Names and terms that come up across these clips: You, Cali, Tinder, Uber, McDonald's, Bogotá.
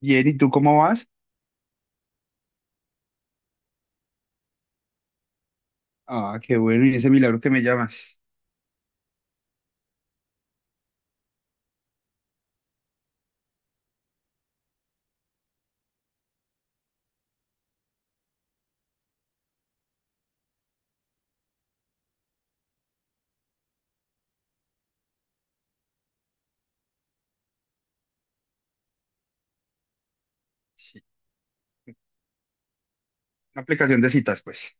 Bien, ¿y tú cómo vas? Ah, qué bueno, y ese milagro que me llamas. Sí, una aplicación de citas, pues.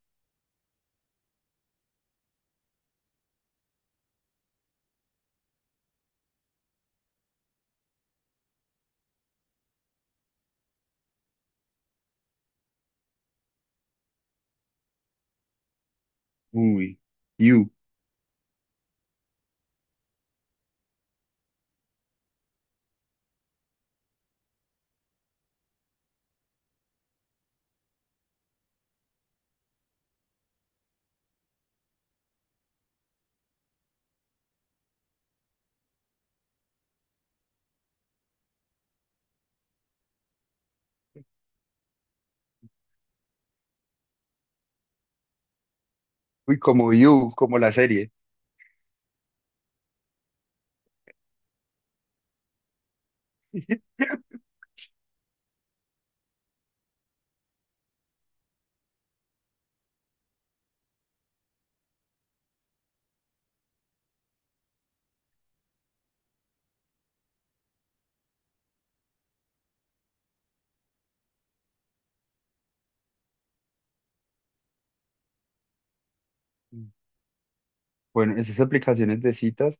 Uy, You. Uy, como You, como la serie. Bueno, esas aplicaciones de citas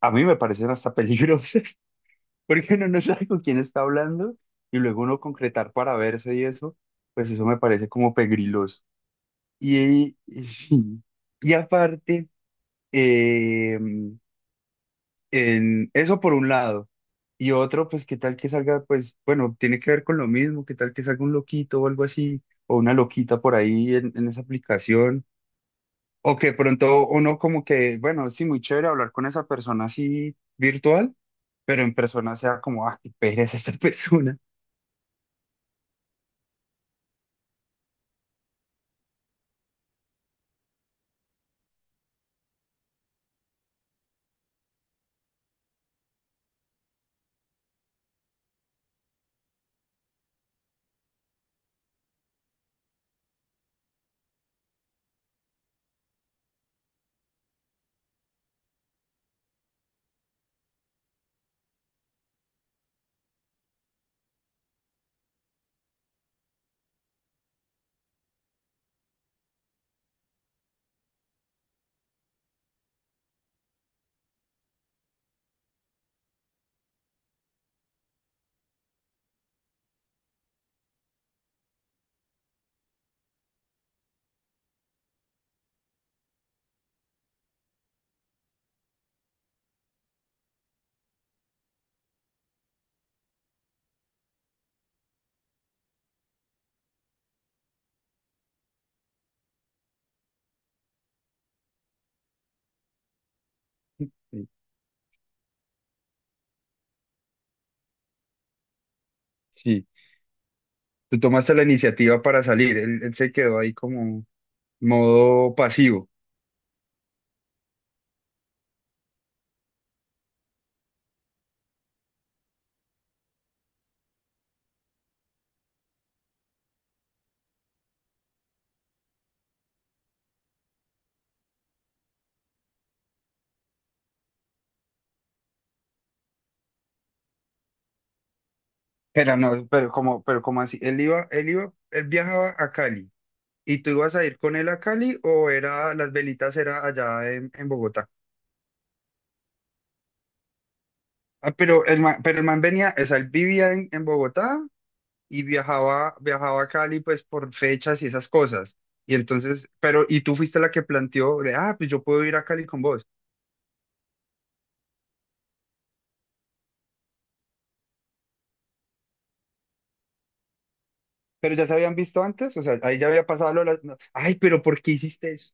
a mí me parecen hasta peligrosas, porque uno no sabe con quién está hablando y luego uno concretar para verse y eso, pues eso me parece como pegriloso. Sí. Y aparte, em, en eso por un lado. Y otro, pues, qué tal que salga, pues, bueno, tiene que ver con lo mismo, qué tal que salga un loquito o algo así, o una loquita por ahí en esa aplicación. O que pronto uno como que, bueno, sí, muy chévere hablar con esa persona así virtual, pero en persona sea como, ah, qué pereza esta persona. Sí. Sí. Tú tomaste la iniciativa para salir, él se quedó ahí como modo pasivo. Pero no, pero como así, él viajaba a Cali. ¿Y tú ibas a ir con él a Cali o era las velitas era allá en Bogotá? Ah, pero el man venía, o sea, él vivía en Bogotá y viajaba a Cali pues por fechas y esas cosas. Y entonces, pero, y tú fuiste la que planteó de, ah, pues yo puedo ir a Cali con vos. Pero ya se habían visto antes, o sea, ahí ya había pasado lo de las... No, ay, pero ¿por qué hiciste eso?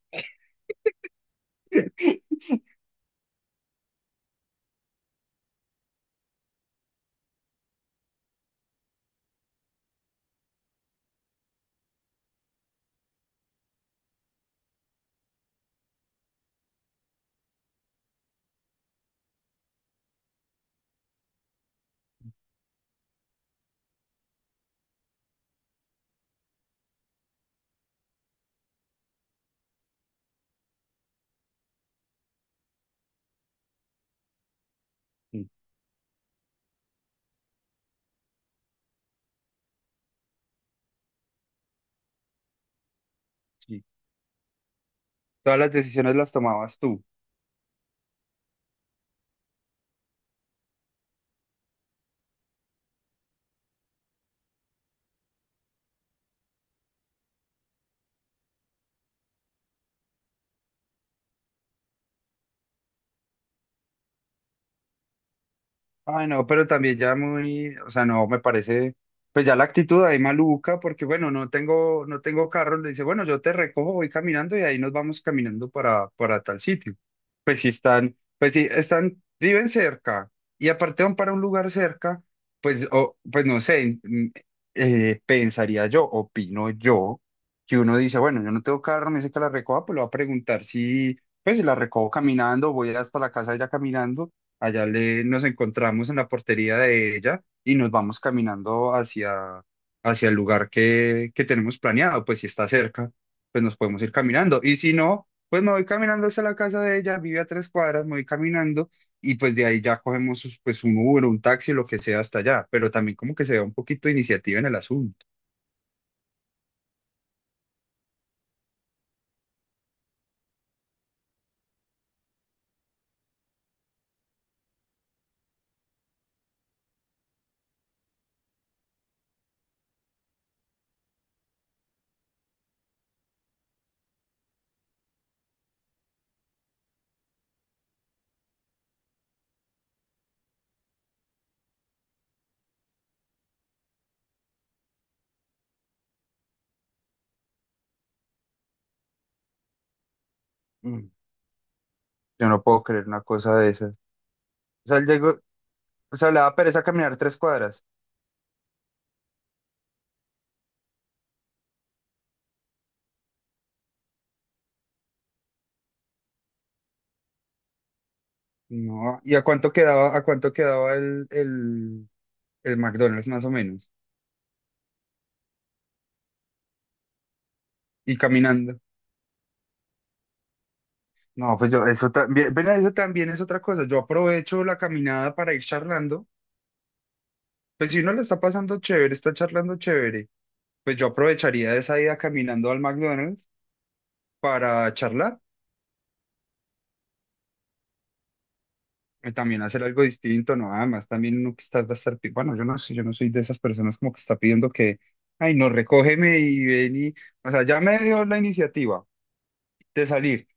Sí, sí. Todas las decisiones las tomabas tú. Ay, no, pero también ya muy, o sea, no, me parece, pues ya la actitud ahí maluca, porque bueno, no tengo carro, le dice, bueno, yo te recojo, voy caminando y ahí nos vamos caminando para tal sitio. Pues si están, viven cerca y aparte van para un lugar cerca, pues, o, pues no sé, pensaría yo, opino yo, que uno dice, bueno, yo no tengo carro, me dice que la recoja, pues lo va a preguntar si, pues si la recojo caminando, voy hasta la casa de ella caminando. Allá le, nos encontramos en la portería de ella y nos vamos caminando hacia el lugar que tenemos planeado. Pues si está cerca, pues nos podemos ir caminando. Y si no, pues me voy caminando hasta la casa de ella, vive a tres cuadras, me voy caminando y pues de ahí ya cogemos pues un Uber, un taxi, lo que sea hasta allá. Pero también como que se vea un poquito de iniciativa en el asunto. Mm. Yo no puedo creer una cosa de esas. O sea, él llegó, o sea, le daba pereza caminar tres cuadras. No, ¿y a cuánto quedaba, el McDonald's más o menos, y caminando? No, pues yo, eso también, ven, eso también es otra cosa. Yo aprovecho la caminada para ir charlando. Pues si uno le está pasando chévere, está charlando chévere, pues yo aprovecharía esa ida caminando al McDonald's para charlar y también hacer algo distinto, no, además también uno que está, va a estar, pi- bueno, yo no sé, yo no soy de esas personas como que está pidiendo que, ay, no, recógeme y ven y, o sea, ya me dio la iniciativa de salir.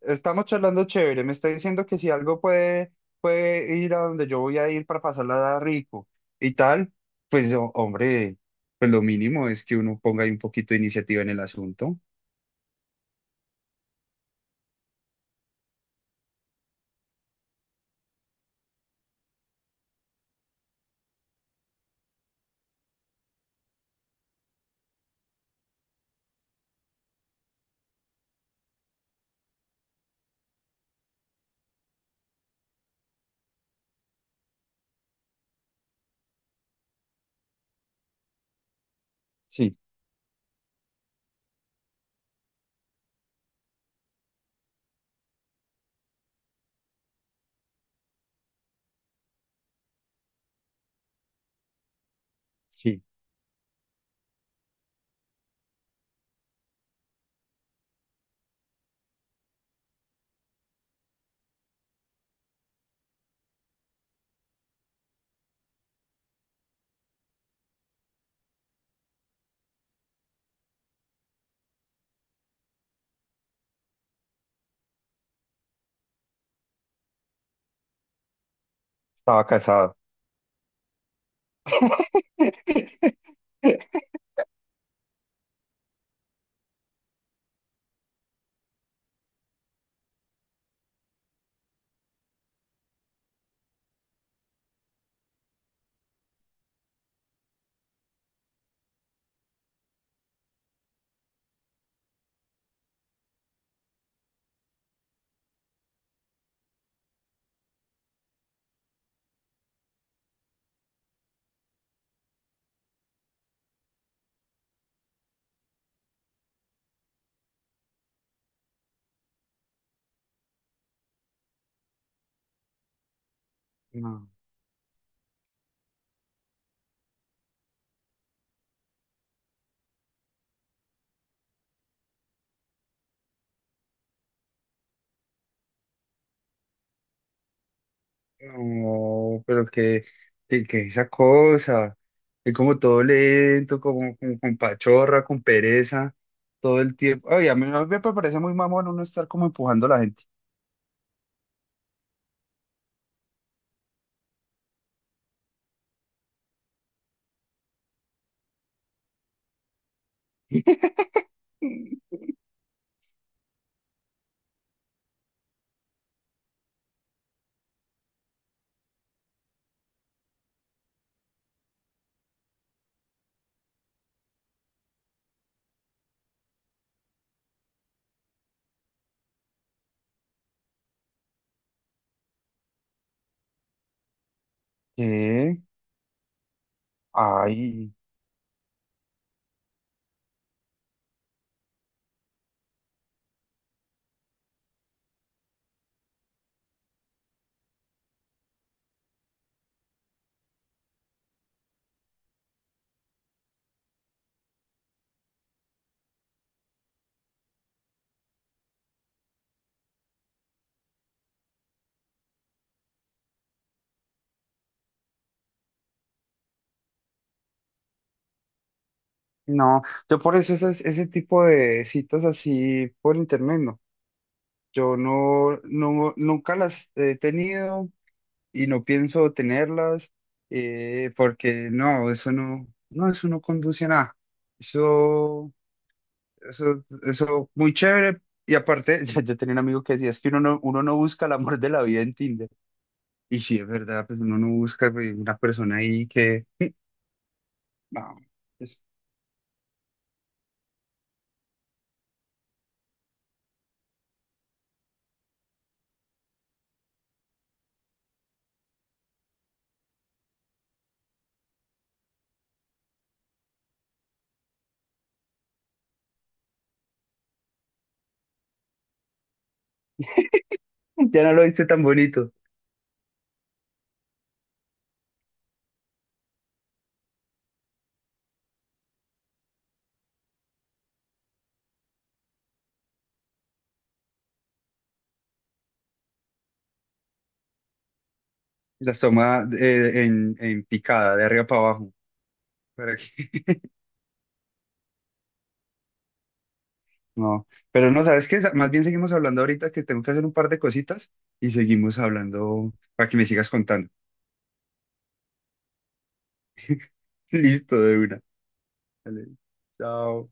Estamos charlando chévere, me está diciendo que si algo puede ir a donde yo voy a ir para pasarla rico y tal, pues ho- hombre, pues lo mínimo es que uno ponga ahí un poquito de iniciativa en el asunto. Sí, sí, estaba casado. No, no, pero que esa cosa, que como todo lento, como, como con pachorra, con pereza, todo el tiempo. Ay, a mí me parece muy mamón uno estar como empujando a la gente. ¿Qué? Ay. No, yo por eso esas- ese tipo de citas así por internet, no. Yo nunca las he tenido y no pienso tenerlas, porque eso eso no conduce a nada. Eso, eso muy chévere. Y aparte, ya yo tenía un amigo que decía, es que uno no busca el amor de la vida en Tinder. Y sí, es verdad, pues uno no busca pues, una persona ahí que, no, pues, ya no lo viste tan bonito. Las toma en picada, de arriba para abajo. Pero que- no, pero no, ¿sabes qué? Más bien seguimos hablando ahorita que tengo que hacer un par de cositas y seguimos hablando para que me sigas contando. Listo, de una. Dale, chao.